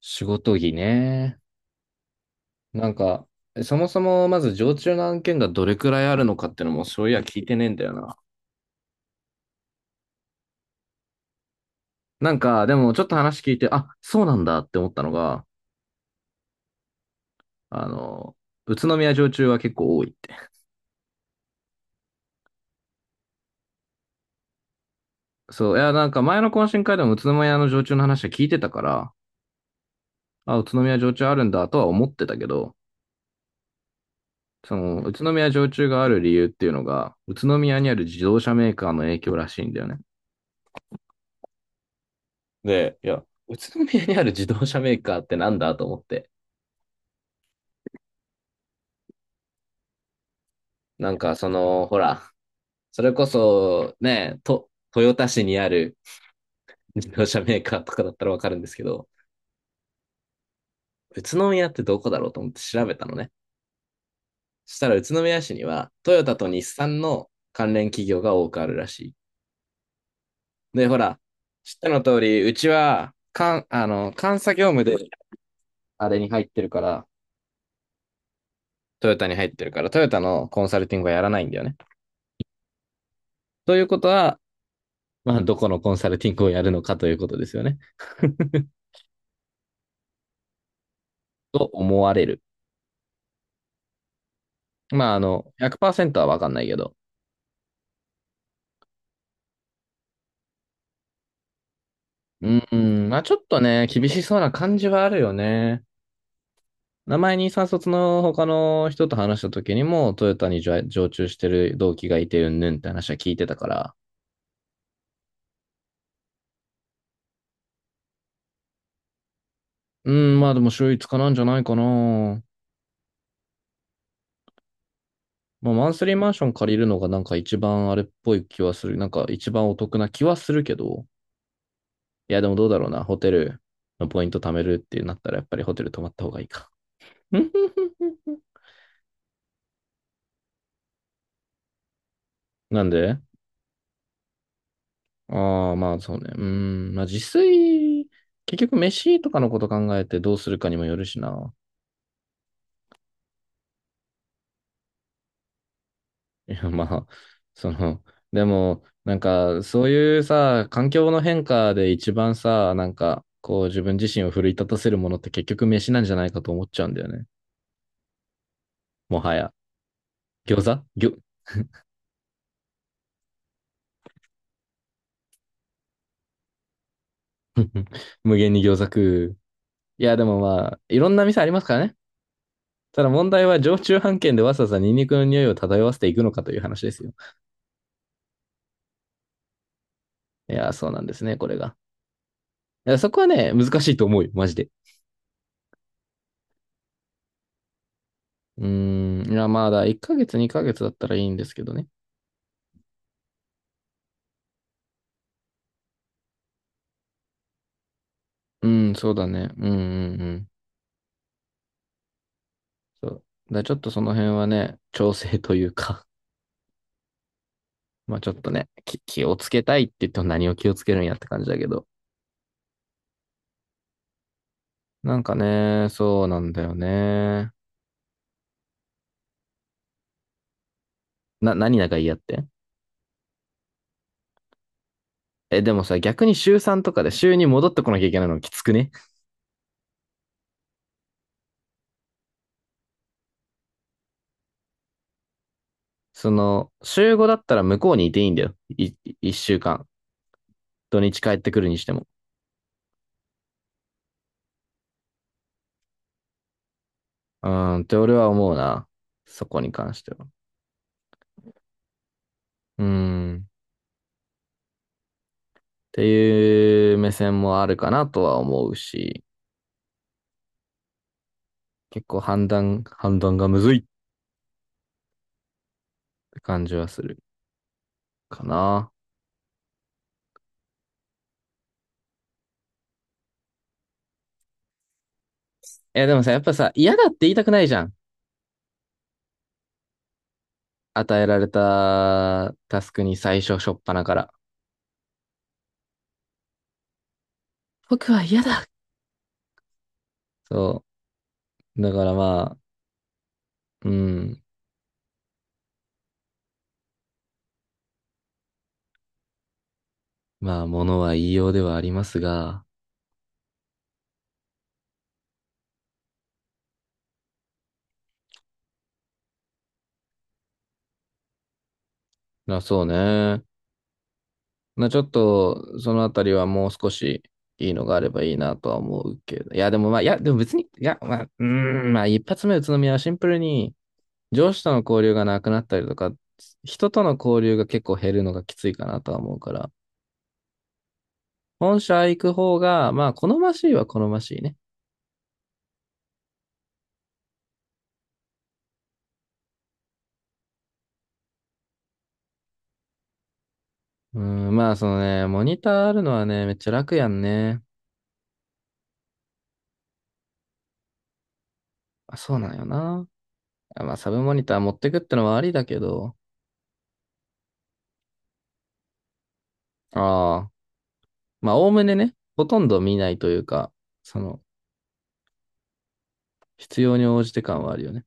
仕事着ね。なんか、そもそもまず常駐の案件がどれくらいあるのかってのもそういや聞いてねえんだよな。でもちょっと話聞いて、あ、そうなんだって思ったのが、あの、宇都宮常駐は結構多いって。そう、いや、前の懇親会でも宇都宮の常駐の話は聞いてたから、あ、宇都宮常駐あるんだとは思ってたけど、宇都宮常駐がある理由っていうのが、宇都宮にある自動車メーカーの影響らしいんだよね。で、いや、宇都宮にある自動車メーカーってなんだと思って。なんかその、ほら、それこそね、と、豊田市にある自動車メーカーとかだったらわかるんですけど、宇都宮ってどこだろうと思って調べたのね。そしたら宇都宮市にはトヨタと日産の関連企業が多くあるらしい。で、ほら、知ったの通り、うちは、かん、あの、監査業務であれに入ってるから、トヨタに入ってるから、トヨタのコンサルティングはやらないんだよね。ということは、まあ、どこのコンサルティングをやるのかということですよね。と思われる。まあ、100%はわかんないけど。うん、まあ、ちょっとね、厳しそうな感じはあるよね。名前にさん卒の他の人と話した時にも、トヨタに常駐してる同期がいて、うんぬんって話は聞いてたから。うん、まあでも週一かなんじゃないかな。まあ、マンスリーマンション借りるのがなんか一番あれっぽい気はする。なんか一番お得な気はするけど。いや、でもどうだろうな。ホテルのポイント貯めるってなったら、やっぱりホテル泊まった方がいいか。なんで、ああ、まあそうね。うーん。まあ自炊、結局飯とかのこと考えてどうするかにもよるしな。いや、まあ、その、でも、そういうさ、環境の変化で一番さ、こう自分自身を奮い立たせるものって結局飯なんじゃないかと思っちゃうんだよね。もはや。餃子餃 無限に餃子食う。いや、でもまあ、いろんな店ありますからね。ただ問題は、常駐飯券でわざわざニンニクの匂いを漂わせていくのかという話ですよ。いや、そうなんですね、これが。やそこはね、難しいと思うよ、マジで。うーん、いや、まだ1ヶ月、2ヶ月だったらいいんですけどね。うん、そうだね。うん。そう。だからちょっとその辺はね、調整というか、まあちょっとね、気をつけたいって言っても何を気をつけるんやって感じだけど。なんかね、そうなんだよね。な、何仲嫌ってえ、でもさ、逆に週3とかで週に戻ってこなきゃいけないのきつくね。その、週5だったら向こうにいていいんだよ。1週間。土日帰ってくるにしても。うーんって俺は思うな。そこに関しては。うーん。っていう目線もあるかなとは思うし、結構判断、判断がむずいって感じはするかな。え、でもさ、やっぱさ、嫌だって言いたくないじゃん。与えられたタスクに初っ端から。僕は嫌だ。そう。だからまあ、うん。まあ、ものは言いようではありますが、まあそうね。まあちょっと、そのあたりはもう少しいいのがあればいいなとは思うけど。いや、でもまあ、いや、でも別に、いや、まあ、うーん、まあ一発目宇都宮はシンプルに上司との交流がなくなったりとか、人との交流が結構減るのがきついかなとは思うから、本社行く方が、まあ好ましいは好ましいね。うん、まあそのね、モニターあるのはね、めっちゃ楽やんね。あ、そうなんよな。まあサブモニター持ってくってのはありだけど、ああ、まあおおむねね、ほとんど見ないというか、その、必要に応じて感はあるよね。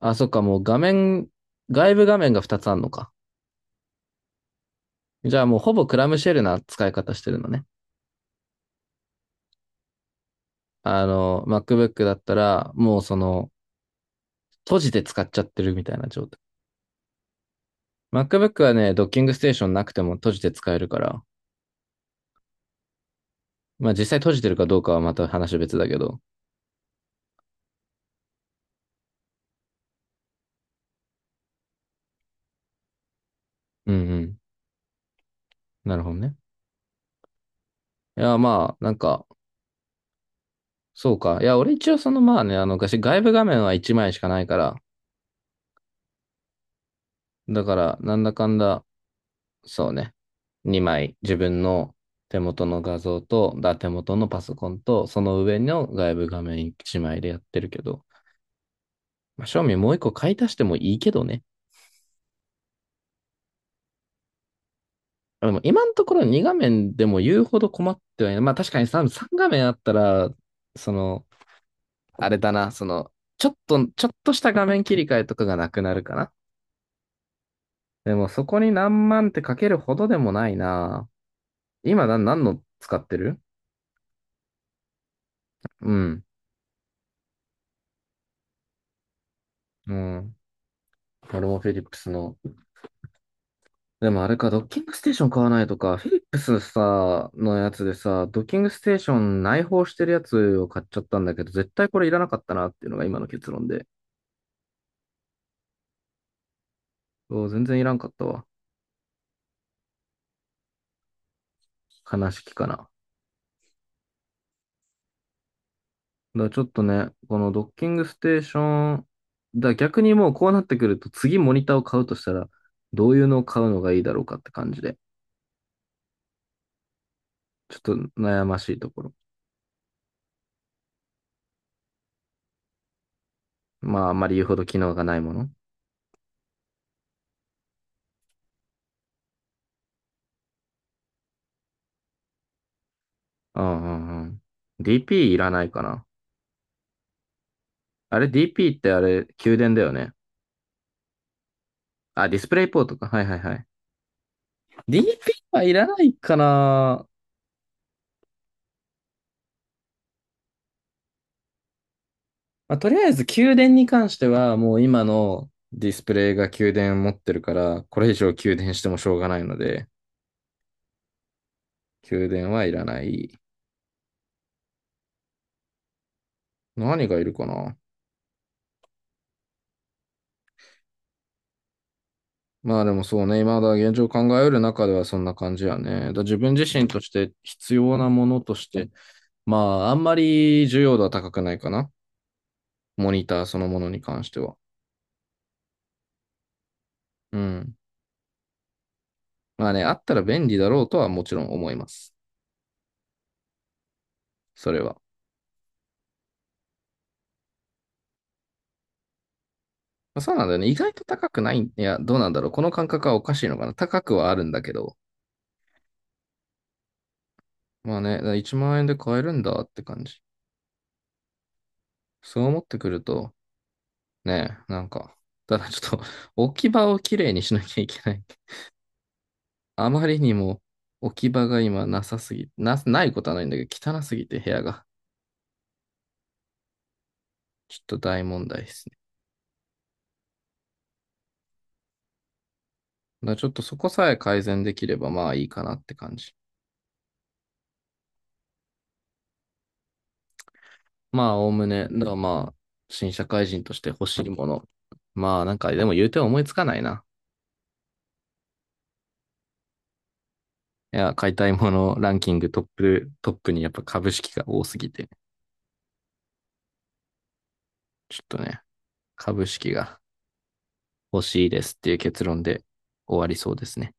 あ、そっか、もう画面、外部画面が2つあんのか。じゃあもうほぼクラムシェルな使い方してるのね。あの、MacBook だったら、もうその、閉じて使っちゃってるみたいな状態。MacBook はね、ドッキングステーションなくても閉じて使えるから、まあ実際閉じてるかどうかはまた話別だけど。うんうん。なるほどね。いや、まあ、なんか、そうか。いや、俺一応昔外部画面は1枚しかないから、だから、なんだかんだ、そうね。2枚、自分の手元の画像と、だ、手元のパソコンと、その上の外部画面1枚でやってるけど、まあ、正味もう1個買い足してもいいけどね。でも今のところ2画面でも言うほど困ってはいない。まあ確かに 3画面あったら、その、あれだな、その、ちょっと、ちょっとした画面切り替えとかがなくなるかな。でもそこに何万ってかけるほどでもないな。今な、何の使ってるうん。うん。俺もフィリップスの、でもあれか、ドッキングステーション買わないとか、フィリップスさ、のやつでさ、ドッキングステーション内包してるやつを買っちゃったんだけど、絶対これいらなかったなっていうのが今の結論で。お全然いらんかったわ。悲しきかな。らちょっとね、このドッキングステーション、逆にもうこうなってくると、次モニターを買うとしたら、どういうのを買うのがいいだろうかって感じで、ちょっと悩ましいところ。まあ、あんまり言うほど機能がないもの。うんうんうん。DP いらないかな。あれ DP ってあれ、給電だよね。あ、ディスプレイポートか。はいはいはい。DP はいらないかな。まあ、とりあえず、給電に関しては、もう今のディスプレイが給電持ってるから、これ以上給電してもしょうがないので、給電はいらない。何がいるかな。まあでもそうね、現状考えうる中ではそんな感じやね。だから自分自身として必要なものとして、まああんまり重要度は高くないかな。モニターそのものに関しては。うん。まあね、あったら便利だろうとはもちろん思います。それは。まあそうなんだよね。意外と高くない。いや、どうなんだろう。この感覚はおかしいのかな。高くはあるんだけど。まあね、だから1万円で買えるんだって感じ。そう思ってくると、ね、なんか、ただちょっと 置き場をきれいにしなきゃいけない。あまりにも置き場が今なさすぎ、な、ないことはないんだけど、汚すぎて部屋が。ちょっと大問題ですね。だからちょっとそこさえ改善できればまあいいかなって感じ。まあ、おおむね、だからまあ、新社会人として欲しいもの。まあ、なんか、でも言うて思いつかないな。いや、買いたいものランキングトップ、トップにやっぱ株式が多すぎて、ちょっとね、株式が欲しいですっていう結論で終わりそうですね。